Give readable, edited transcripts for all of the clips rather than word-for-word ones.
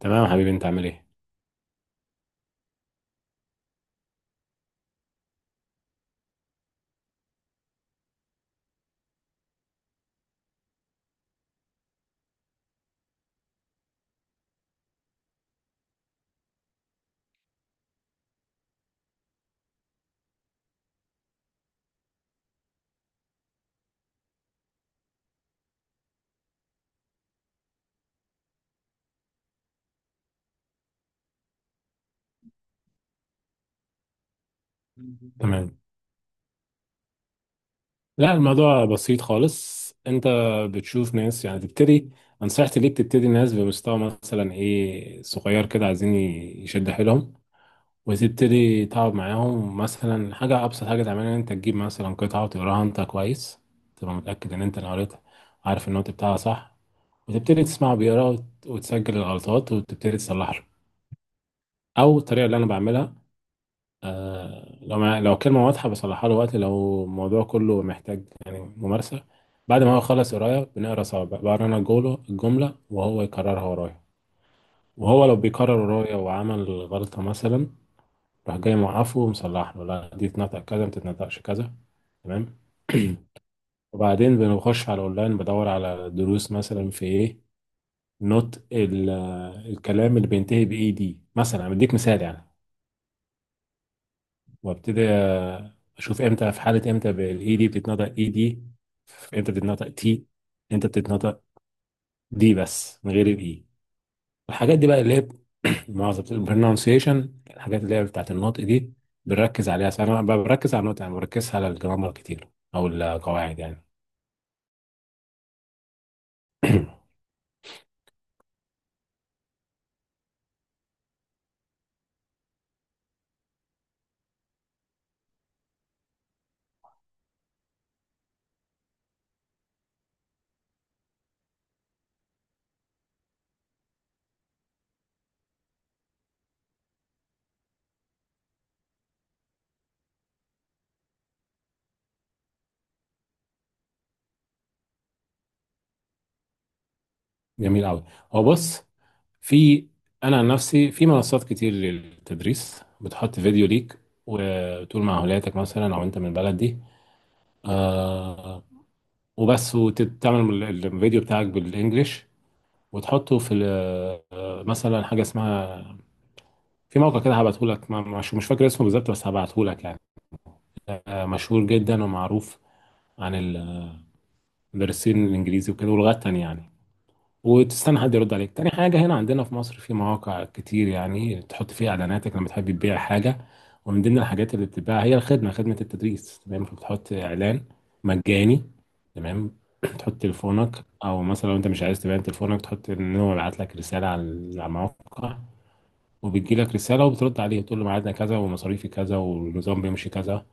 تمام حبيبي، انت عامل ايه؟ تمام. لا، الموضوع بسيط خالص. انت بتشوف ناس يعني تبتدي. نصيحتي ليك تبتدي ناس بمستوى مثلا ايه، صغير كده، عايزين يشد حيلهم. وتبتدي تقعد معاهم. مثلا حاجة أبسط حاجة تعملها إن أنت تجيب مثلا قطعة وتقراها أنت كويس، تبقى متأكد إن أنت اللي قريتها، عارف النوت بتاعها صح، وتبتدي تسمعه بيقرا وتسجل الغلطات وتبتدي تصلحها. أو الطريقة اللي أنا بعملها، آه، لو الكلمة واضحة بصلحها له. وقت لو الموضوع كله محتاج يعني ممارسة، بعد ما هو يخلص قراية بنقرا سوا بقى. بقرا أنا الجملة الجملة وهو يكررها ورايا. وهو لو بيكرر ورايا وعمل غلطة مثلا، راح جاي موقفه ومصلح له، لا دي تتنطق كذا، ما تتنطقش كذا. تمام. وبعدين بنخش على الأونلاين بدور على دروس مثلا في إيه، نوت ال... الكلام اللي بينتهي بإيه دي مثلا، أنا بديك مثال يعني. وابتدي اشوف امتى في حاله، امتى بالاي دي بتتنطق اي دي، امتى بتتنطق تي، امتى بتتنطق دي بس من غير الاي. الحاجات دي بقى اللي هي معظم البرونسيشن، الحاجات اللي هي بتاعت النطق دي بنركز عليها. بس انا بركز على النطق يعني، ما بركزش على الجرامر كتير او القواعد يعني. جميل قوي. هو بص، في، انا عن نفسي في منصات كتير للتدريس، بتحط فيديو ليك وتقول مع اولادك مثلا او انت من البلد دي، آه، وبس. وتعمل الفيديو بتاعك بالانجلش وتحطه في مثلا حاجه اسمها، في موقع كده هبعته لك، مش فاكر اسمه بالظبط بس هبعته لك يعني. مشهور جدا ومعروف عن المدرسين الانجليزي وكده ولغات تانية يعني. وتستنى حد يرد عليك. تاني حاجة، هنا عندنا في مصر في مواقع كتير يعني تحط فيها إعلاناتك لما تحب تبيع حاجة، ومن ضمن الحاجات اللي بتتباع هي الخدمة، خدمة التدريس. تمام، فبتحط إعلان مجاني. تمام. تحط تليفونك، أو مثلا لو أنت مش عايز تبيع تليفونك تحط إن هو يبعت لك رسالة على الموقع، وبتجي لك رسالة وبترد عليه تقول له ميعادنا كذا ومصاريفي كذا والنظام بيمشي كذا.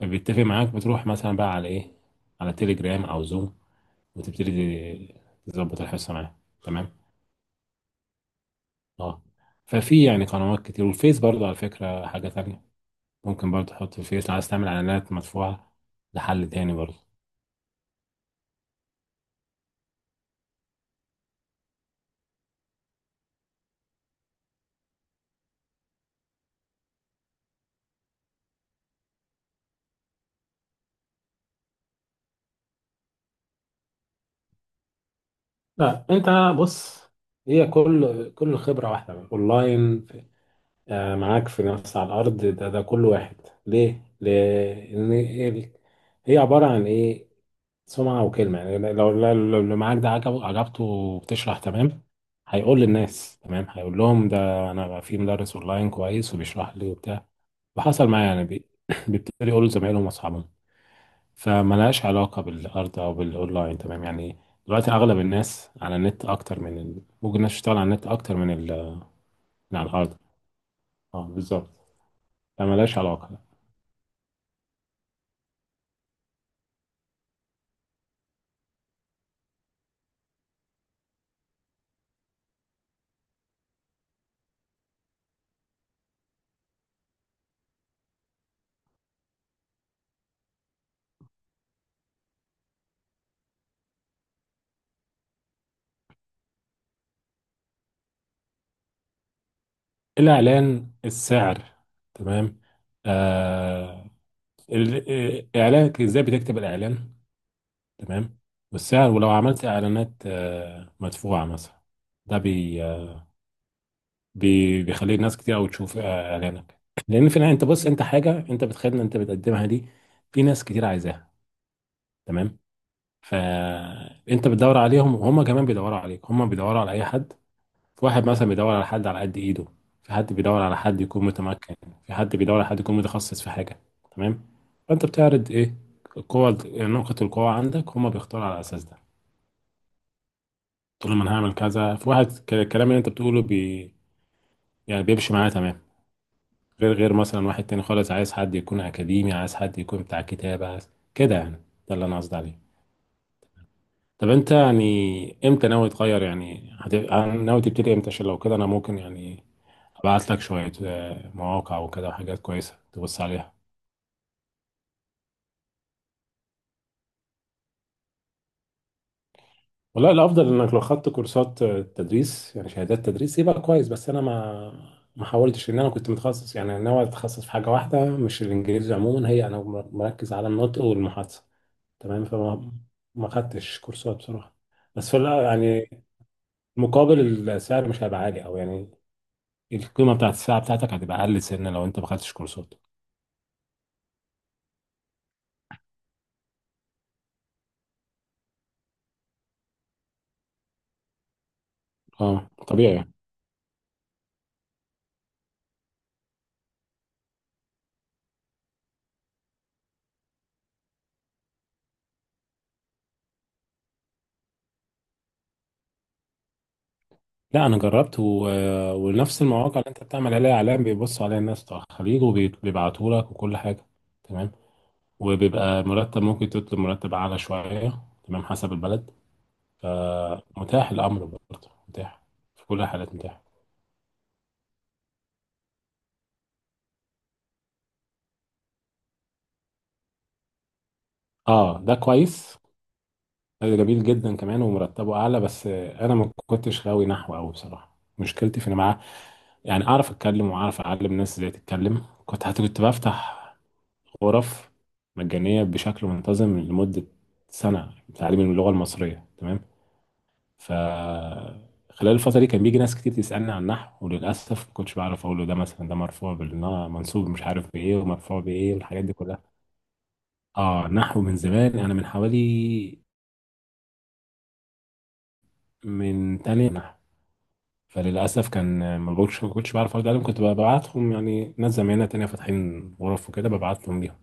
فبيتفق معاك، بتروح مثلا بقى على إيه، على تليجرام أو زوم، وتبتدي تظبط الحصة معاه. تمام. اه. ففي يعني قنوات كتير، والفيس برضه على فكرة حاجة تانية، ممكن برضه تحط الفيس لو عايز تعمل اعلانات مدفوعة، لحل تاني برضه. لا انت، بص، هي كل خبرة، واحدة اونلاين، معاك في نفس على الارض، ده كل واحد ليه؟ لان هي عبارة عن ايه؟ سمعة وكلمة. يعني لو اللي معاك ده عجب، عجبته وبتشرح تمام، هيقول للناس تمام، هيقول لهم ده أنا في مدرس أونلاين كويس وبيشرح لي وبتاع. وحصل معايا يعني، بيبتدي يقولوا لزمايلهم وأصحابهم. فملهاش علاقة بالأرض أو بالأونلاين، تمام يعني. دلوقتي أغلب الناس على النت، ممكن الناس تشتغل على النت أكتر من على الأرض. أه بالظبط، فملهاش علاقة. الإعلان، السعر، تمام. آه، إعلانك إزاي بتكتب الإعلان، تمام، والسعر. ولو عملت اعلانات مدفوعه مثلا، ده بي بيخلي الناس كتير قوي تشوف اعلانك. لان في النهايه انت بص، انت حاجه انت بتخيل، انت بتقدمها دي في ناس كتير عايزاها، تمام. فانت بتدور عليهم، وهم كمان بيدوروا عليك. هم بيدوروا على اي حد. في واحد مثلا بيدور على حد على قد ايده، في حد بيدور على حد يكون متمكن، في حد بيدور على حد يكون متخصص في حاجه، تمام. فانت بتعرض ايه؟ القوة، نقطة القوة عندك، هم بيختاروا على الاساس ده. تقول لهم انا هعمل كذا، في واحد الكلام اللي انت بتقوله بي، يعني بيمشي معاه تمام. غير مثلا واحد تاني خالص عايز حد يكون اكاديمي، عايز حد يكون بتاع كتابة، عايز كده يعني. ده اللي انا قصدي عليه. طب انت يعني امتى ناوي تغير يعني ناوي تبتدي امتى؟ عشان لو كده انا ممكن يعني ابعت لك شوية مواقع وكده وحاجات كويسة تبص عليها. والله الافضل انك لو خدت كورسات تدريس يعني شهادات تدريس يبقى كويس. بس انا ما حاولتش ان انا كنت متخصص، يعني ناوي اتخصص في حاجه واحده مش الانجليزي عموما، هي انا مركز على النطق والمحادثه، تمام. فما ما خدتش كورسات بصراحه. بس في يعني مقابل، السعر مش هيبقى عالي او يعني القيمه بتاعت الساعه بتاعتك هتبقى اقل سنه لو انت ما خدتش كورسات. اه طبيعي يعني. لا انا جربت و... ونفس المواقع اللي انت بتعمل عليها اعلان بيبص عليها الناس بتوع الخليج وبيبعتوا لك وكل حاجه، تمام. وبيبقى مرتب، ممكن تطلب مرتب أعلى شوية، تمام، حسب البلد. فمتاح، الأمر برضه متاح في كل الحالات، متاح. اه ده كويس. ده جميل جدا كمان ومرتبه أعلى. بس أنا ما كنتش غاوي نحو أوي بصراحة. مشكلتي في إن معاه يعني أعرف أتكلم وأعرف أعلم الناس إزاي تتكلم، كنت حتى كنت بفتح غرف مجانية بشكل منتظم لمدة سنة تعليم اللغة المصرية، تمام. فخلال الفترة دي كان بيجي ناس كتير تسألني عن النحو، وللأسف ما كنتش بعرف أقول له ده مثلا ده مرفوع بالنا منصوب مش عارف بإيه ومرفوع بإيه والحاجات دي كلها. آه نحو من زمان، أنا من حوالي، من تانية نحو. فللأسف كان، ما بقولش ما كنتش بعرف أرد عليهم، كنت ببعتهم يعني ناس زمايلنا تانية فاتحين غرف وكده، ببعتهم ليهم.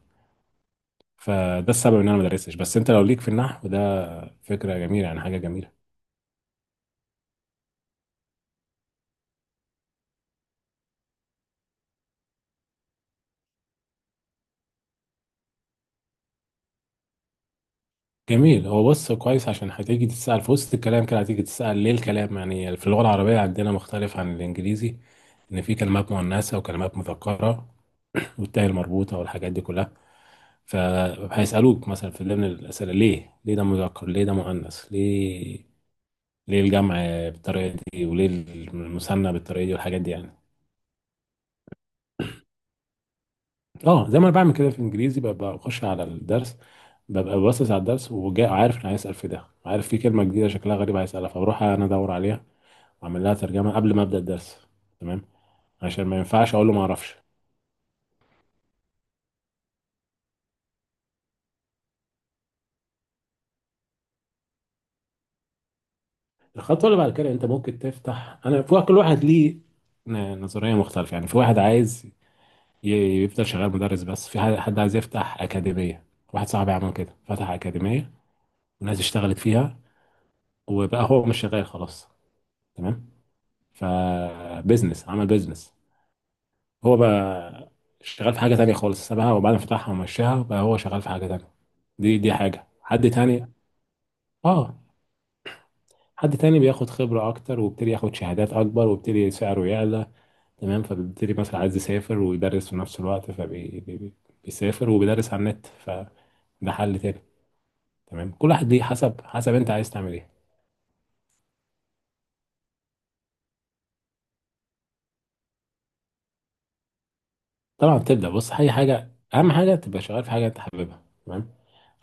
فده السبب إن أنا ما درستش. بس أنت لو ليك في النحو ده فكرة جميلة، يعني حاجة جميلة. جميل. هو بص، كويس، عشان هتيجي تتسأل في وسط الكلام كده، هتيجي تتسأل ليه الكلام يعني في اللغة العربية عندنا مختلف عن الإنجليزي، إن في كلمات مؤنثة وكلمات مذكرة والتاء المربوطة والحاجات دي كلها. فهيسألوك مثلا في ضمن الأسئلة، ليه ليه ده مذكر، ليه ده مؤنث، ليه ليه الجمع بالطريقة دي وليه المثنى بالطريقة دي والحاجات دي يعني. اه زي ما أنا بعمل كده في الإنجليزي، ببقى بخش على الدرس، ببقى باصص على الدرس وجاي عارف انا هيسأل في ده، عارف في كلمة جديدة شكلها غريب هيسألها، فبروح انا ادور عليها اعمل لها ترجمه قبل ما ابدا الدرس، تمام، عشان ما ينفعش اقول له ما اعرفش. الخطوه اللي بعد كده انت ممكن تفتح، انا في كل واحد ليه نظريه مختلفه يعني. في واحد عايز يفضل شغال مدرس بس، في حد عايز يفتح اكاديميه. واحد صاحبي عمل كده، فتح اكاديميه والناس اشتغلت فيها وبقى هو مش شغال خلاص، تمام. فبزنس، عمل بزنس. هو بقى شغال في حاجه تانية خالص، سابها وبعدين فتحها ومشاها بقى هو شغال في حاجه تانية. دي حاجه حد تاني. اه. حد تاني بياخد خبرة أكتر وبيبتدي ياخد شهادات أكبر وبيبتدي سعره يعلى، تمام. فبيبتدي مثلا عايز يسافر ويدرس في نفس الوقت، فبيسافر وبيدرس على النت، فده حل تاني، تمام. كل واحد ليه، حسب أنت عايز تعمل إيه. طبعا بتبدأ، بص، أي حاجة، أهم حاجة تبقى شغال في حاجة أنت حاببها، تمام.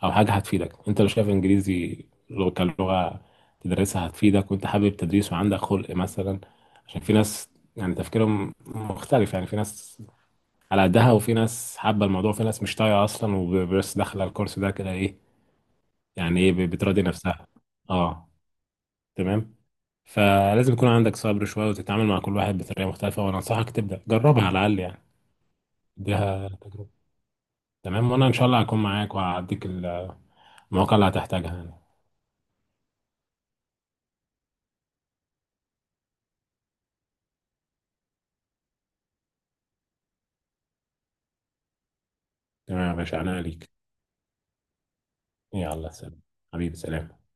أو حاجة هتفيدك، أنت لو شايف إنجليزي لغة كلغة تدرسها هتفيدك، وأنت حابب تدريس وعندك خلق مثلا، عشان في ناس يعني تفكيرهم مختلف. يعني في ناس على قدها، وفي ناس حابة الموضوع، في ناس مش طايقة أصلا وبس داخلة الكورس ده كده، إيه يعني، إيه، بتراضي نفسها. أه. تمام. فلازم يكون عندك صبر شوية وتتعامل مع كل واحد بطريقة مختلفة، وأنا أنصحك تبدأ جربها على الأقل يعني، اديها تجربة. تمام. وأنا إن شاء الله هكون معاك وهعديك المواقع اللي هتحتاجها يعني. تمام يا باشا، أنا ليك. يلا، سلام. حبيبي، سلام.